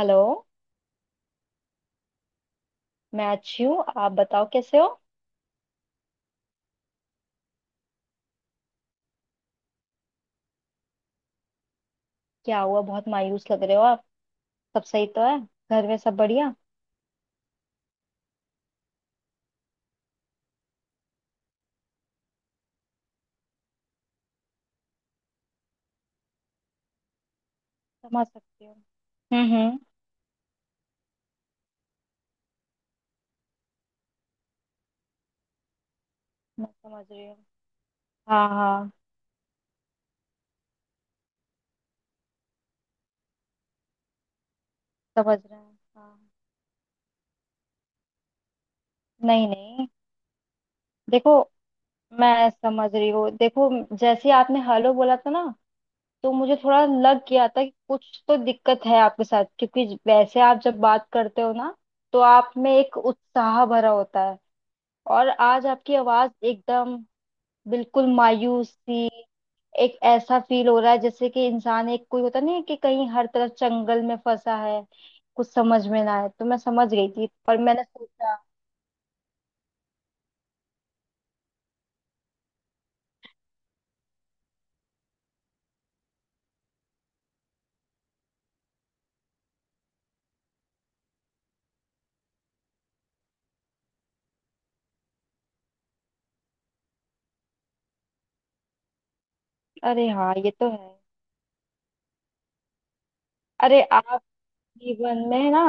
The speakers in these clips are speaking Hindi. हेलो। मैं अच्छी हूँ, आप बताओ कैसे हो। क्या हुआ, बहुत मायूस लग रहे हो आप। सब सही तो है? घर में सब बढ़िया? समझ सकती हूँ। हम्म। मैं समझ रही हूँ। हाँ हाँ। समझ रहे हैं, हाँ। नहीं नहीं। देखो, मैं समझ रही हूँ, देखो। जैसे आपने हेलो बोला था ना, तो मुझे थोड़ा लग गया था कि कुछ तो दिक्कत है आपके साथ, क्योंकि वैसे आप जब बात करते हो ना, तो आप में एक उत्साह भरा होता है। और आज आपकी आवाज एकदम बिल्कुल मायूस सी। एक ऐसा फील हो रहा है जैसे कि इंसान एक कोई होता नहीं है, कि कहीं हर तरफ जंगल में फंसा है, कुछ समझ में ना आए। तो मैं समझ गई थी, पर मैंने सोचा। अरे हाँ, ये तो है। अरे आप जीवन में ना,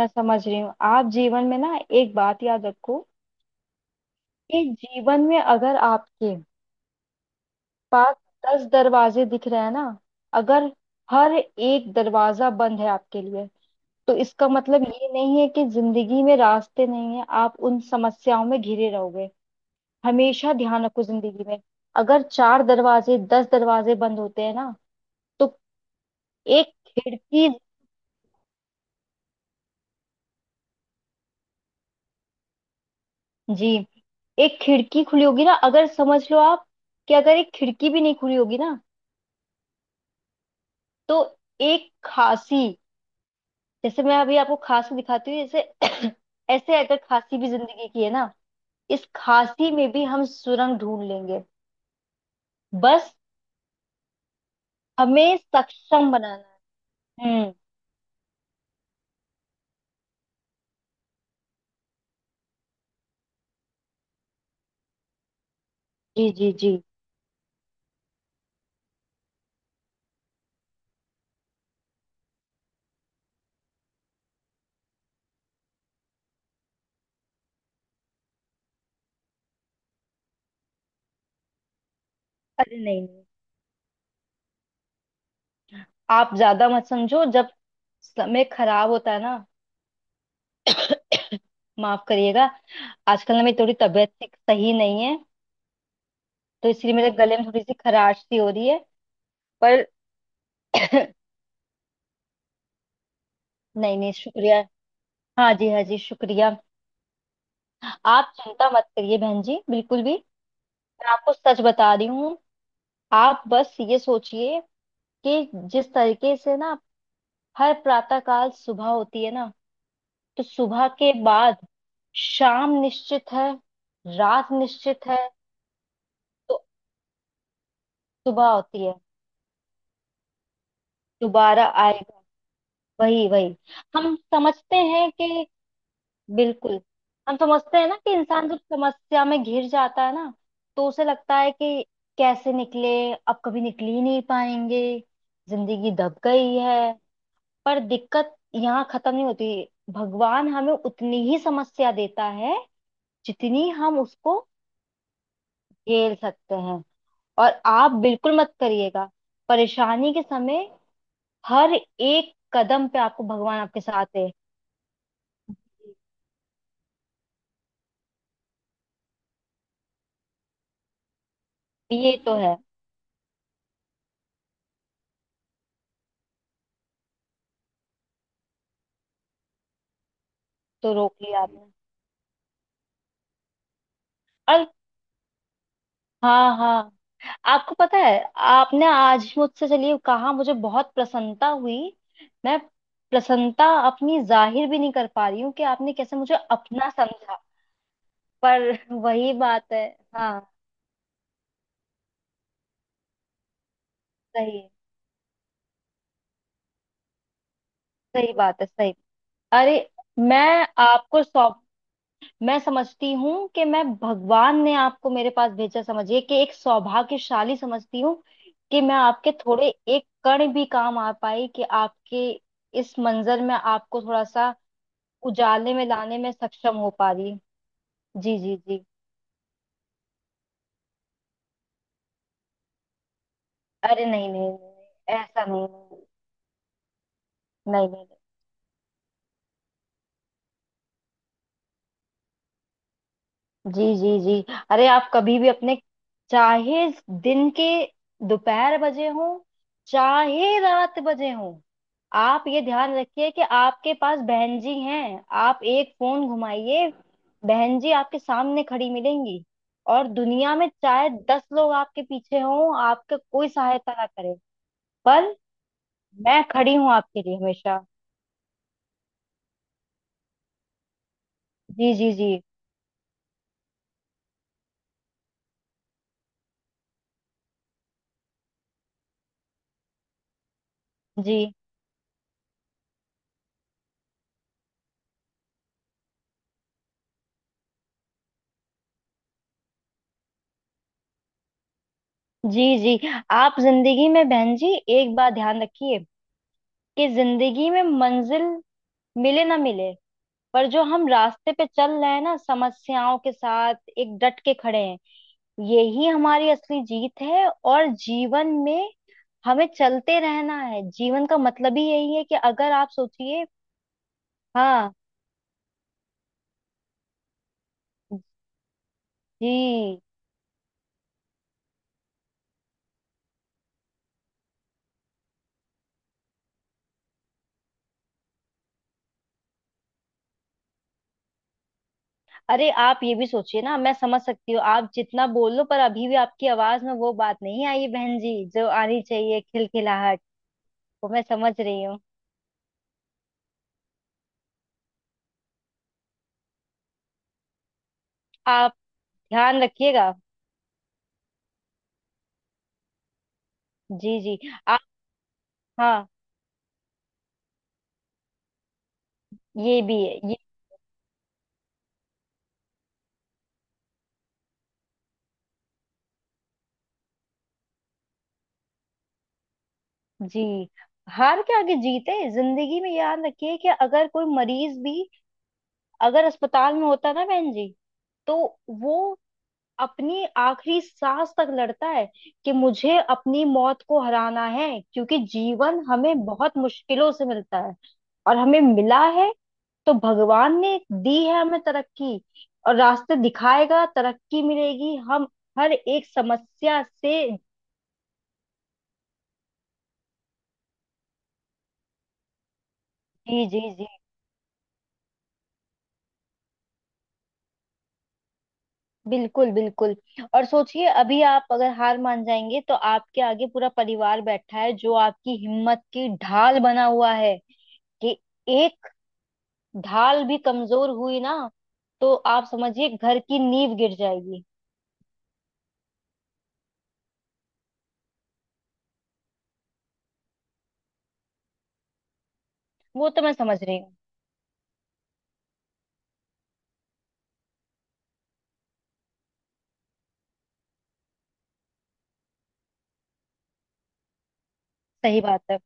मैं समझ रही हूँ। आप जीवन में ना एक बात याद रखो, कि जीवन में अगर आपके पास 10 दरवाजे दिख रहे हैं ना, अगर हर एक दरवाजा बंद है आपके लिए, तो इसका मतलब ये नहीं है कि जिंदगी में रास्ते नहीं है, आप उन समस्याओं में घिरे रहोगे। हमेशा ध्यान रखो जिंदगी में, अगर चार दरवाजे 10 दरवाजे बंद होते हैं ना, तो एक खिड़की। जी, एक खिड़की खुली होगी ना, अगर समझ लो आप। कि अगर एक खिड़की भी नहीं खुली होगी ना, तो एक खांसी। जैसे मैं अभी आपको खांसी दिखाती हूँ, जैसे ऐसे, अगर खांसी भी जिंदगी की है ना, इस खांसी में भी हम सुरंग ढूंढ लेंगे। बस हमें सक्षम बनाना। हम्म। जी जी जी। अरे नहीं नहीं, आप ज्यादा मत समझो। जब समय खराब होता है ना, माफ करिएगा, आजकल ना मेरी थोड़ी तबीयत सही नहीं है, तो इसलिए मेरे गले में थोड़ी सी खराश सी हो रही है। पर नहीं नहीं, शुक्रिया। हाँ जी हाँ जी, शुक्रिया। आप चिंता मत करिए बहन जी, बिल्कुल भी। मैं आपको सच बता रही हूँ। आप बस ये सोचिए, कि जिस तरीके से ना हर प्रातः काल सुबह होती है ना, तो सुबह के बाद शाम निश्चित है, रात निश्चित है। तो सुबह होती है, दोबारा आएगा। वही वही। हम समझते हैं कि बिल्कुल, हम समझते हैं ना, कि इंसान जब समस्या में घिर जाता है ना, तो उसे लगता है कि कैसे निकले, अब कभी निकल ही नहीं पाएंगे, जिंदगी दब गई है। पर दिक्कत यहाँ खत्म नहीं होती। भगवान हमें उतनी ही समस्या देता है जितनी हम उसको झेल सकते हैं। और आप बिल्कुल मत करिएगा, परेशानी के समय हर एक कदम पे आपको भगवान आपके साथ है। ये तो है। तो रोक लिया आपने और। हाँ हाँ। आपको पता है, आपने आज मुझसे चलिए कहा, मुझे बहुत प्रसन्नता हुई। मैं प्रसन्नता अपनी जाहिर भी नहीं कर पा रही हूँ कि आपने कैसे मुझे अपना समझा। पर वही बात है, हाँ। सही, सही बात है, सही। अरे, मैं आपको सौ मैं समझती हूँ कि मैं, भगवान ने आपको मेरे पास भेजा, समझिए कि एक सौभाग्यशाली समझती हूँ कि मैं आपके थोड़े एक कण भी काम आ पाई, कि आपके इस मंजर में आपको थोड़ा सा उजाले में लाने में सक्षम हो पा रही। जी जी जी। अरे नहीं नहीं नहीं नहीं, ऐसा नहीं। नहीं नहीं नहीं। जी जी जी। अरे आप कभी भी अपने, चाहे दिन के दोपहर बजे हो, चाहे रात बजे हो, आप ये ध्यान रखिए कि आपके पास बहन जी हैं, आप एक फोन घुमाइए, बहन जी आपके सामने खड़ी मिलेंगी। और दुनिया में चाहे 10 लोग आपके पीछे हों, आपके कोई सहायता ना करे, पर मैं खड़ी हूँ आपके लिए हमेशा। जी जी जी। जी जी जी। आप जिंदगी में बहन जी एक बात ध्यान रखिए, कि जिंदगी में मंजिल मिले ना मिले, पर जो हम रास्ते पे चल रहे हैं ना समस्याओं के साथ, एक डट के खड़े हैं, यही हमारी असली जीत है। और जीवन में हमें चलते रहना है, जीवन का मतलब ही यही है। कि अगर आप सोचिए। हाँ। जी। अरे आप ये भी सोचिए ना, मैं समझ सकती हूँ, आप जितना बोल लो, पर अभी भी आपकी आवाज में वो बात नहीं आई है बहन जी, जो आनी चाहिए, खिलखिलाहट। वो मैं समझ रही हूँ। आप ध्यान रखिएगा। जी जी। आप, हाँ। ये भी है, ये। जी। हार के आगे जीत है जिंदगी में, याद रखिए, कि अगर कोई मरीज भी, अगर अस्पताल में होता ना बहन जी, तो वो अपनी आखिरी सांस तक लड़ता है कि मुझे अपनी मौत को हराना है, क्योंकि जीवन हमें बहुत मुश्किलों से मिलता है, और हमें मिला है। तो भगवान ने दी है हमें तरक्की, और रास्ते दिखाएगा, तरक्की मिलेगी हम हर एक समस्या से। जी जी जी, बिल्कुल बिल्कुल। और सोचिए, अभी आप अगर हार मान जाएंगे, तो आपके आगे पूरा परिवार बैठा है जो आपकी हिम्मत की ढाल बना हुआ है। कि एक ढाल भी कमजोर हुई ना, तो आप समझिए घर की नींव गिर जाएगी। वो तो मैं समझ रही हूँ। सही बात है।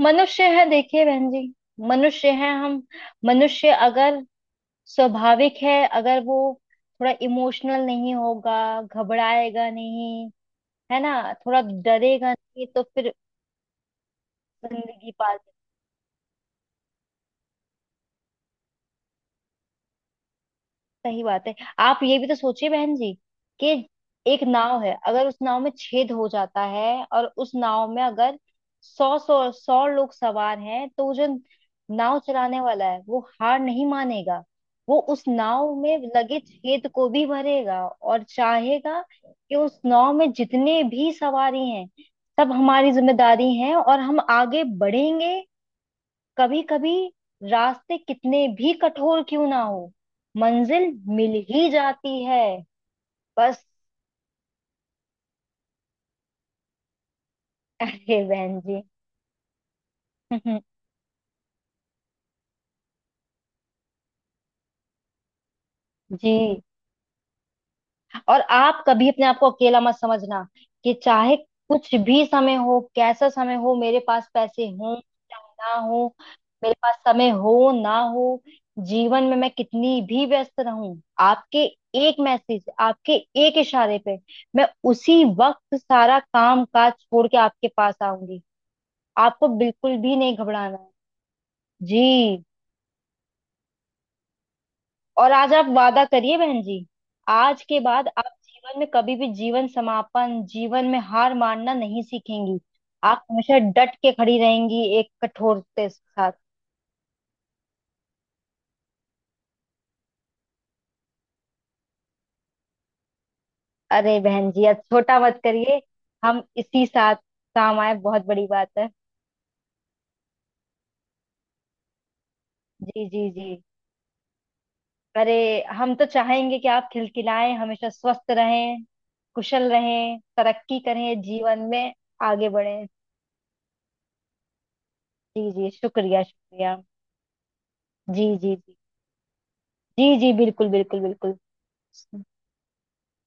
मनुष्य है देखिए बहन जी, मनुष्य है हम। मनुष्य अगर, स्वाभाविक है, अगर वो थोड़ा इमोशनल नहीं होगा, घबराएगा नहीं, है ना, थोड़ा डरेगा नहीं, तो फिर जिंदगी पाल सकते। सही बात है। आप ये भी तो सोचिए बहन जी, कि एक नाव है, अगर उस नाव में छेद हो जाता है, और उस नाव में अगर सौ सौ सौ लोग सवार हैं, तो वो जो नाव चलाने वाला है वो हार नहीं मानेगा। वो उस नाव में लगे छेद को भी भरेगा, और चाहेगा कि उस नाव में जितने भी सवारी हैं, सब हमारी जिम्मेदारी है, और हम आगे बढ़ेंगे। कभी कभी रास्ते कितने भी कठोर क्यों ना हो, मंजिल मिल ही जाती है। बस। अरे बहन जी। जी। और आप कभी अपने आप को अकेला मत समझना। कि चाहे कुछ भी समय हो, कैसा समय हो, मेरे पास पैसे हो चाहे ना हो, मेरे पास समय हो ना हो, जीवन में मैं कितनी भी व्यस्त रहूं, आपके एक मैसेज, आपके एक इशारे पे मैं उसी वक्त सारा काम काज छोड़ के आपके पास आऊंगी। आपको बिल्कुल भी नहीं घबराना है। जी। और आज आप वादा करिए बहन जी, आज के बाद आप जीवन में कभी भी, जीवन समापन, जीवन में हार मानना नहीं सीखेंगी। आप हमेशा डट के खड़ी रहेंगी एक कठोरता के साथ। अरे बहन जी आज छोटा मत करिए। हम इसी साथ काम आए, बहुत बड़ी बात है। जी जी जी। अरे, हम तो चाहेंगे कि आप खिलखिलाएं हमेशा, स्वस्थ रहें, कुशल रहें, तरक्की करें जीवन में, आगे बढ़ें। जी जी, शुक्रिया शुक्रिया। जी जी जी। जी जी, बिल्कुल बिल्कुल बिल्कुल।